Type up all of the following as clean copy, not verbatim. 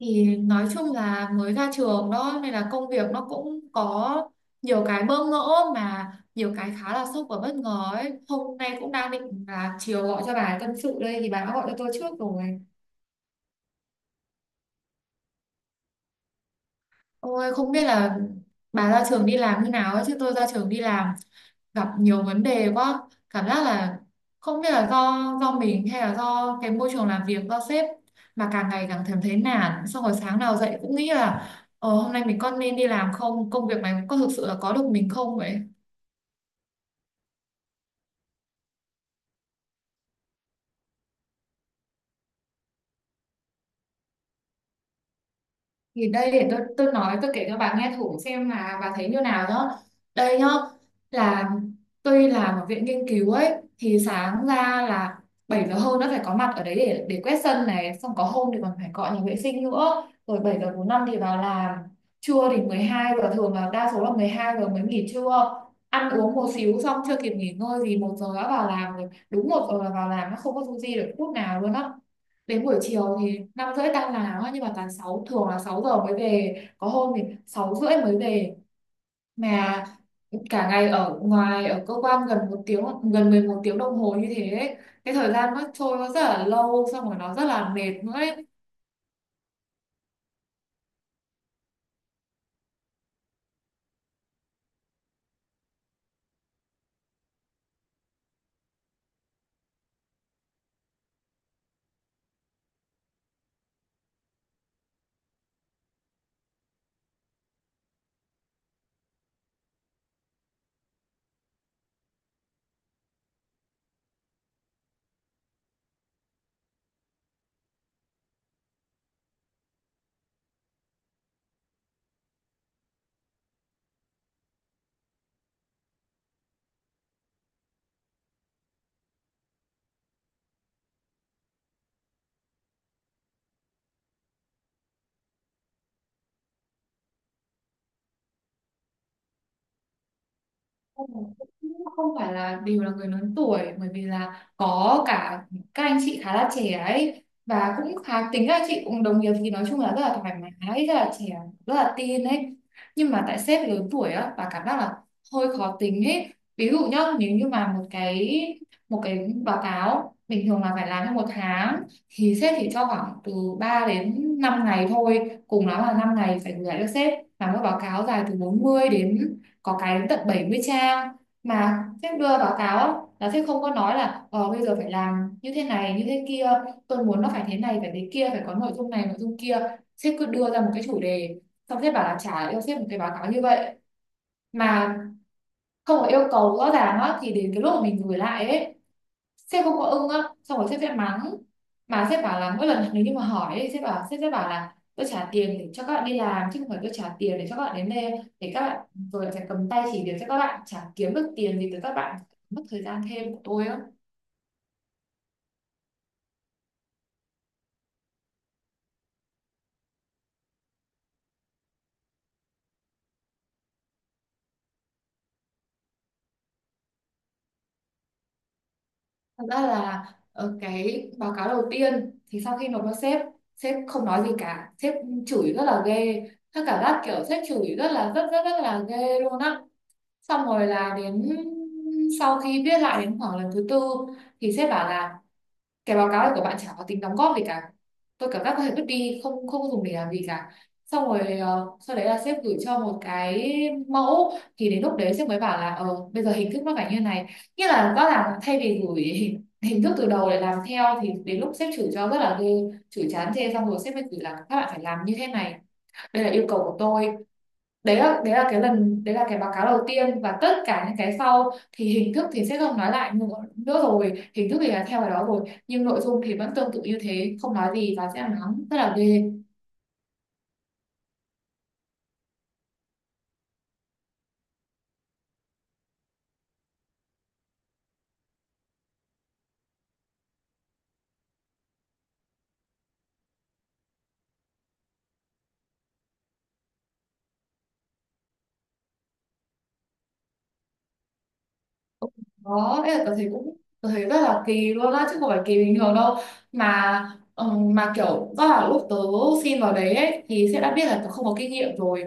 Thì nói chung là mới ra trường đó, nên là công việc nó cũng có nhiều cái bỡ ngỡ, mà nhiều cái khá là sốc và bất ngờ ấy. Hôm nay cũng đang định là chiều gọi cho bà tâm sự đây, thì bà đã gọi cho tôi trước rồi. Ôi, không biết là bà ra trường đi làm như nào ấy, chứ tôi ra trường đi làm gặp nhiều vấn đề quá. Cảm giác là không biết là do mình, hay là do cái môi trường làm việc, do sếp, mà càng ngày càng cảm thấy nản. Xong rồi sáng nào dậy cũng nghĩ là hôm nay mình có nên đi làm không, công việc này có thực sự là có được mình không vậy. Thì đây, để tôi nói, tôi kể cho bà nghe thử xem là bà thấy như nào nhá. Đây nhá, là tôi làm ở viện nghiên cứu ấy. Thì sáng ra là 7 giờ hơn đã phải có mặt ở đấy để quét sân này, xong có hôm thì còn phải cọ nhà vệ sinh nữa, rồi 7:45 thì vào làm. Trưa thì 12 giờ, thường là đa số là 12 giờ mới nghỉ trưa, ăn uống một xíu, xong chưa kịp nghỉ ngơi gì 1 giờ đã vào làm rồi, đúng 1 giờ là vào làm, nó không có du di được phút nào luôn á. Đến buổi chiều thì 5 rưỡi tan làm á, nhưng mà toàn sáu, thường là 6 giờ mới về, có hôm thì 6 rưỡi mới về. Mà cả ngày ở ngoài ở cơ quan gần 1 tiếng, gần 11 tiếng đồng hồ như thế ấy. Cái thời gian nó trôi nó rất là lâu, xong rồi nó rất là mệt nữa ấy. Ừ, không phải là đều là người lớn tuổi, bởi vì là có cả các anh chị khá là trẻ ấy, và cũng khá tính. Các anh chị cũng đồng nghiệp thì nói chung là rất là thoải mái, rất là trẻ, rất là teen ấy. Nhưng mà tại sếp lớn tuổi á, và cảm giác là hơi khó tính ấy. Ví dụ nhá, nếu như mà một cái báo cáo bình thường là phải làm trong 1 tháng, thì sếp chỉ cho khoảng từ 3 đến 5 ngày thôi, cùng lắm là 5 ngày phải gửi lại cho sếp, làm một báo cáo dài từ 40 đến, có cái đến tận 70 trang. Mà sếp đưa báo cáo á, là sếp không có nói là ờ bây giờ phải làm như thế này như thế kia, tôi muốn nó phải thế này phải thế kia, phải có nội dung này nội dung kia. Sếp cứ đưa ra một cái chủ đề, xong sếp bảo là trả lại cho sếp một cái báo cáo như vậy, mà không có yêu cầu rõ ràng á. Thì đến cái lúc mà mình gửi lại ấy, sếp không có ưng á, xong rồi sếp sẽ mắng. Mà sếp bảo là mỗi lần nếu như mà hỏi ấy, sếp bảo, sếp sẽ bảo là tôi trả tiền để cho các bạn đi làm, chứ không phải tôi trả tiền để cho các bạn đến đây để các bạn, rồi phải cầm tay chỉ việc cho các bạn, chả kiếm được tiền gì từ các bạn, mất thời gian thêm của tôi á. Thật ra là cái báo cáo đầu tiên thì sau khi nộp cho sếp, sếp không nói gì cả, sếp chửi rất là ghê, tất cả các cảm giác kiểu sếp chửi rất là rất rất rất là ghê luôn á. Xong rồi là đến sau khi viết lại đến khoảng lần thứ 4, thì sếp bảo là cái báo cáo này của bạn chả có tính đóng góp gì cả, tôi cảm giác có thể vứt đi, không không dùng để làm gì cả. Xong rồi sau đấy là sếp gửi cho một cái mẫu, thì đến lúc đấy sếp mới bảo là ờ bây giờ hình thức nó phải như này, nghĩa là rõ ràng thay vì gửi hình thức từ đầu để làm theo, thì đến lúc sếp chửi cho rất là ghê, chửi chán chê xong rồi sếp mới gửi là các bạn phải làm như thế này, đây là yêu cầu của tôi. Đấy là, đấy là cái lần đấy là cái báo cáo đầu tiên, và tất cả những cái sau thì hình thức thì sẽ không nói lại nữa, rồi hình thức thì là theo cái đó rồi, nhưng nội dung thì vẫn tương tự như thế, không nói gì, và sẽ là nóng rất là ghê. Đó, ấy là tớ thấy cũng, tớ thấy rất là kỳ luôn á, chứ không phải kỳ bình thường đâu. Mà mà kiểu do là lúc tớ xin vào đấy ấy, thì sếp đã biết là tớ không có kinh nghiệm rồi,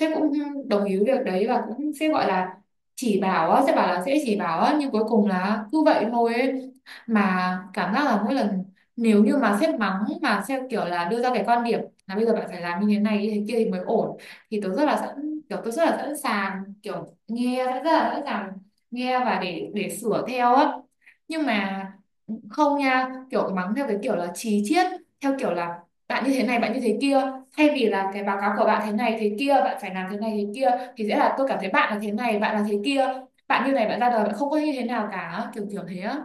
sếp cũng đồng ý với việc đấy, và cũng sếp gọi là chỉ bảo á, sếp bảo là sẽ chỉ bảo á, nhưng cuối cùng là cứ vậy thôi ấy. Mà cảm giác là mỗi lần nếu như mà sếp mắng, mà sếp kiểu là đưa ra cái quan điểm là bây giờ bạn phải làm như thế này như thế kia thì mới ổn, thì tớ rất là sẵn, kiểu tớ rất là sẵn sàng, kiểu nghe, rất là sẵn sàng nghe và để sửa theo á. Nhưng mà không nha, kiểu mắng theo cái kiểu là chí chiết, theo kiểu là bạn như thế này bạn như thế kia, thay vì là cái báo cáo của bạn thế này thế kia, bạn phải làm thế này thế kia, thì sẽ là tôi cảm thấy bạn là thế này bạn là thế kia, bạn như này, bạn ra đời bạn không có như thế nào cả, kiểu kiểu thế á.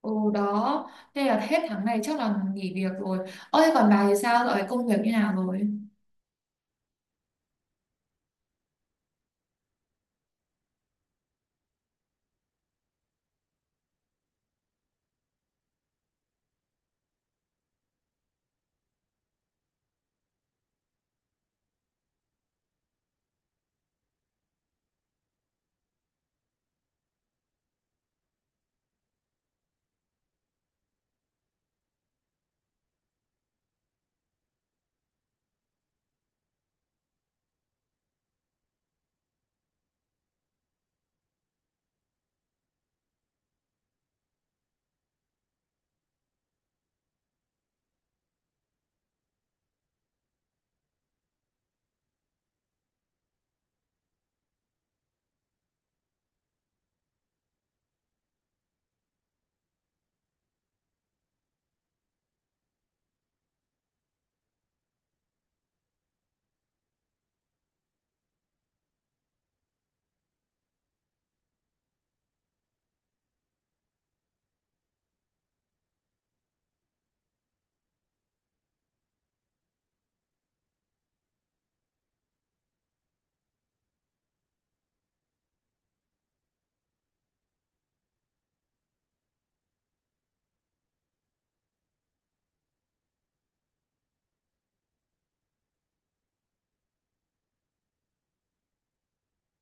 Ồ đó, nên là hết tháng này chắc là nghỉ việc rồi. Ơ thế còn bà thì sao rồi, công việc như nào rồi?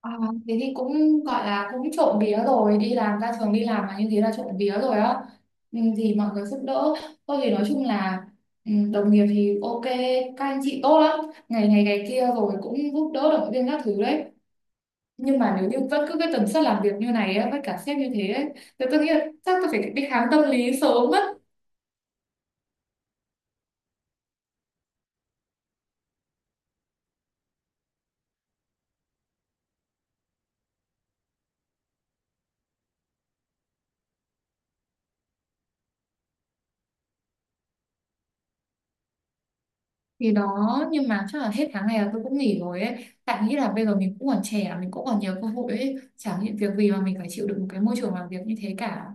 À, thế thì cũng gọi là cũng trộm vía rồi, đi làm, ra trường đi làm mà như thế là trộm vía rồi á. Ừ, thì mọi người giúp đỡ. Tôi thì nói chung là ừ, đồng nghiệp thì ok, các anh chị tốt lắm, ngày này ngày kia rồi cũng giúp đỡ, động viên các thứ đấy. Nhưng mà nếu như vẫn cứ cái tần suất làm việc như này á, với cả sếp như thế ấy, thì tôi nghĩ là chắc tôi phải đi khám tâm lý sớm mất. Thì đó, nhưng mà chắc là hết tháng này là tôi cũng nghỉ rồi ấy, tại nghĩ là bây giờ mình cũng còn trẻ, mình cũng còn nhiều cơ hội ấy, chẳng những việc gì mà mình phải chịu đựng một cái môi trường làm việc như thế cả.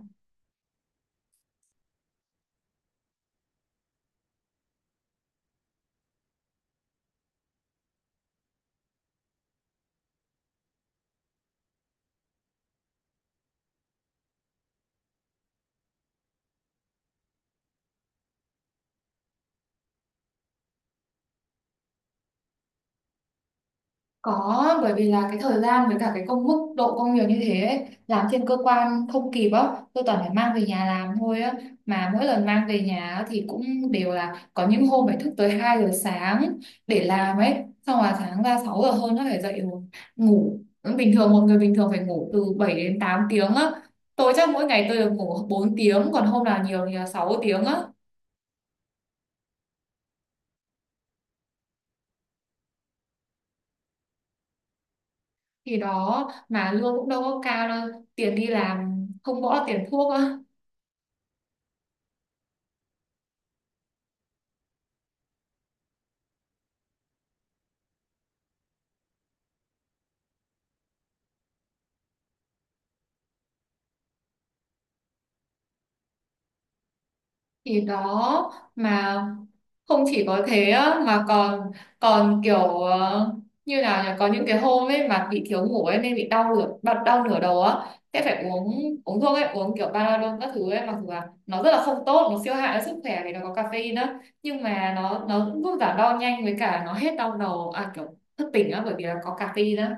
Có, bởi vì là cái thời gian với cả cái công, mức độ công việc như thế ấy, làm trên cơ quan không kịp á, tôi toàn phải mang về nhà làm thôi á. Mà mỗi lần mang về nhà á thì cũng đều là có những hôm phải thức tới 2 giờ sáng để làm ấy. Xong là sáng ra 6 giờ hơn nó phải dậy rồi, ngủ. Bình thường một người bình thường phải ngủ từ 7 đến 8 tiếng á. Tôi chắc mỗi ngày tôi được ngủ 4 tiếng, còn hôm nào nhiều thì là 6 tiếng á. Thì đó, mà lương cũng đâu có cao đâu, tiền đi làm không bỏ tiền thuốc á. Thì đó, mà không chỉ có thế á, mà còn, còn kiểu ờ, như nào nhỉ, có những cái hôm ấy mà bị thiếu ngủ ấy, nên bị đau nửa đau nửa đầu á, sẽ phải uống uống thuốc ấy, uống kiểu Panadol các thứ ấy, mặc dù là nó rất là không tốt, nó siêu hại cho sức khỏe vì nó có caffeine á, nhưng mà nó cũng giúp giảm đau nhanh, với cả nó hết đau đầu à, kiểu thức tỉnh á, bởi vì là có caffeine á.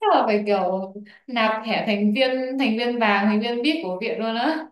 Chắc là phải kiểu nạp thẻ thành viên, thành viên vàng, thành viên VIP của viện luôn á.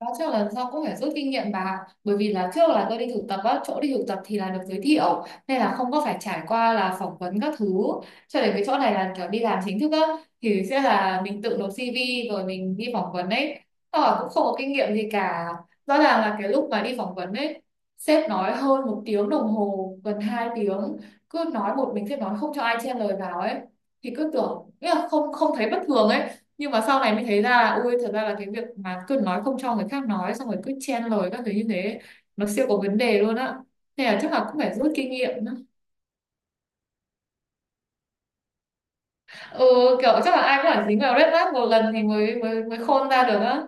Đó, trước lần sau cũng phải rút kinh nghiệm bà ạ. Bởi vì là trước là tôi đi thực tập á, chỗ đi thực tập thì là được giới thiệu nên là không có phải trải qua là phỏng vấn các thứ, cho đến cái chỗ này là kiểu đi làm chính thức á, thì sẽ là mình tự nộp CV rồi mình đi phỏng vấn ấy, và cũng không có kinh nghiệm gì cả. Rõ ràng là cái lúc mà đi phỏng vấn ấy, sếp nói hơn 1 tiếng đồng hồ, gần 2 tiếng, cứ nói một mình, sếp nói không cho ai chen lời vào ấy, thì cứ tưởng nghĩa là không, không thấy bất thường ấy. Nhưng mà sau này mới thấy ra là ui thật ra là cái việc mà cứ nói không cho người khác nói, xong rồi cứ chen lời các thứ như thế, nó siêu có vấn đề luôn á. Thế là chắc là cũng phải rút kinh nghiệm nữa. Ừ, kiểu chắc là ai cũng phải dính vào red flag một lần thì mới mới mới khôn ra được á.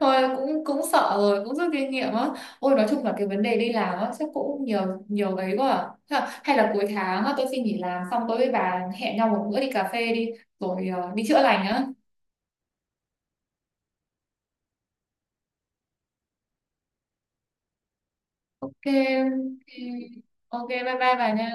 Thôi cũng cũng sợ rồi, cũng rút kinh nghiệm á. Ôi nói chung là cái vấn đề đi làm á chắc cũng nhiều nhiều ấy quá à. Thế là, hay là cuối tháng á, tôi xin nghỉ làm xong tôi với bà hẹn nhau một bữa đi cà phê đi, rồi đi chữa lành á. Ok, ok, ok, bye bye bà nha.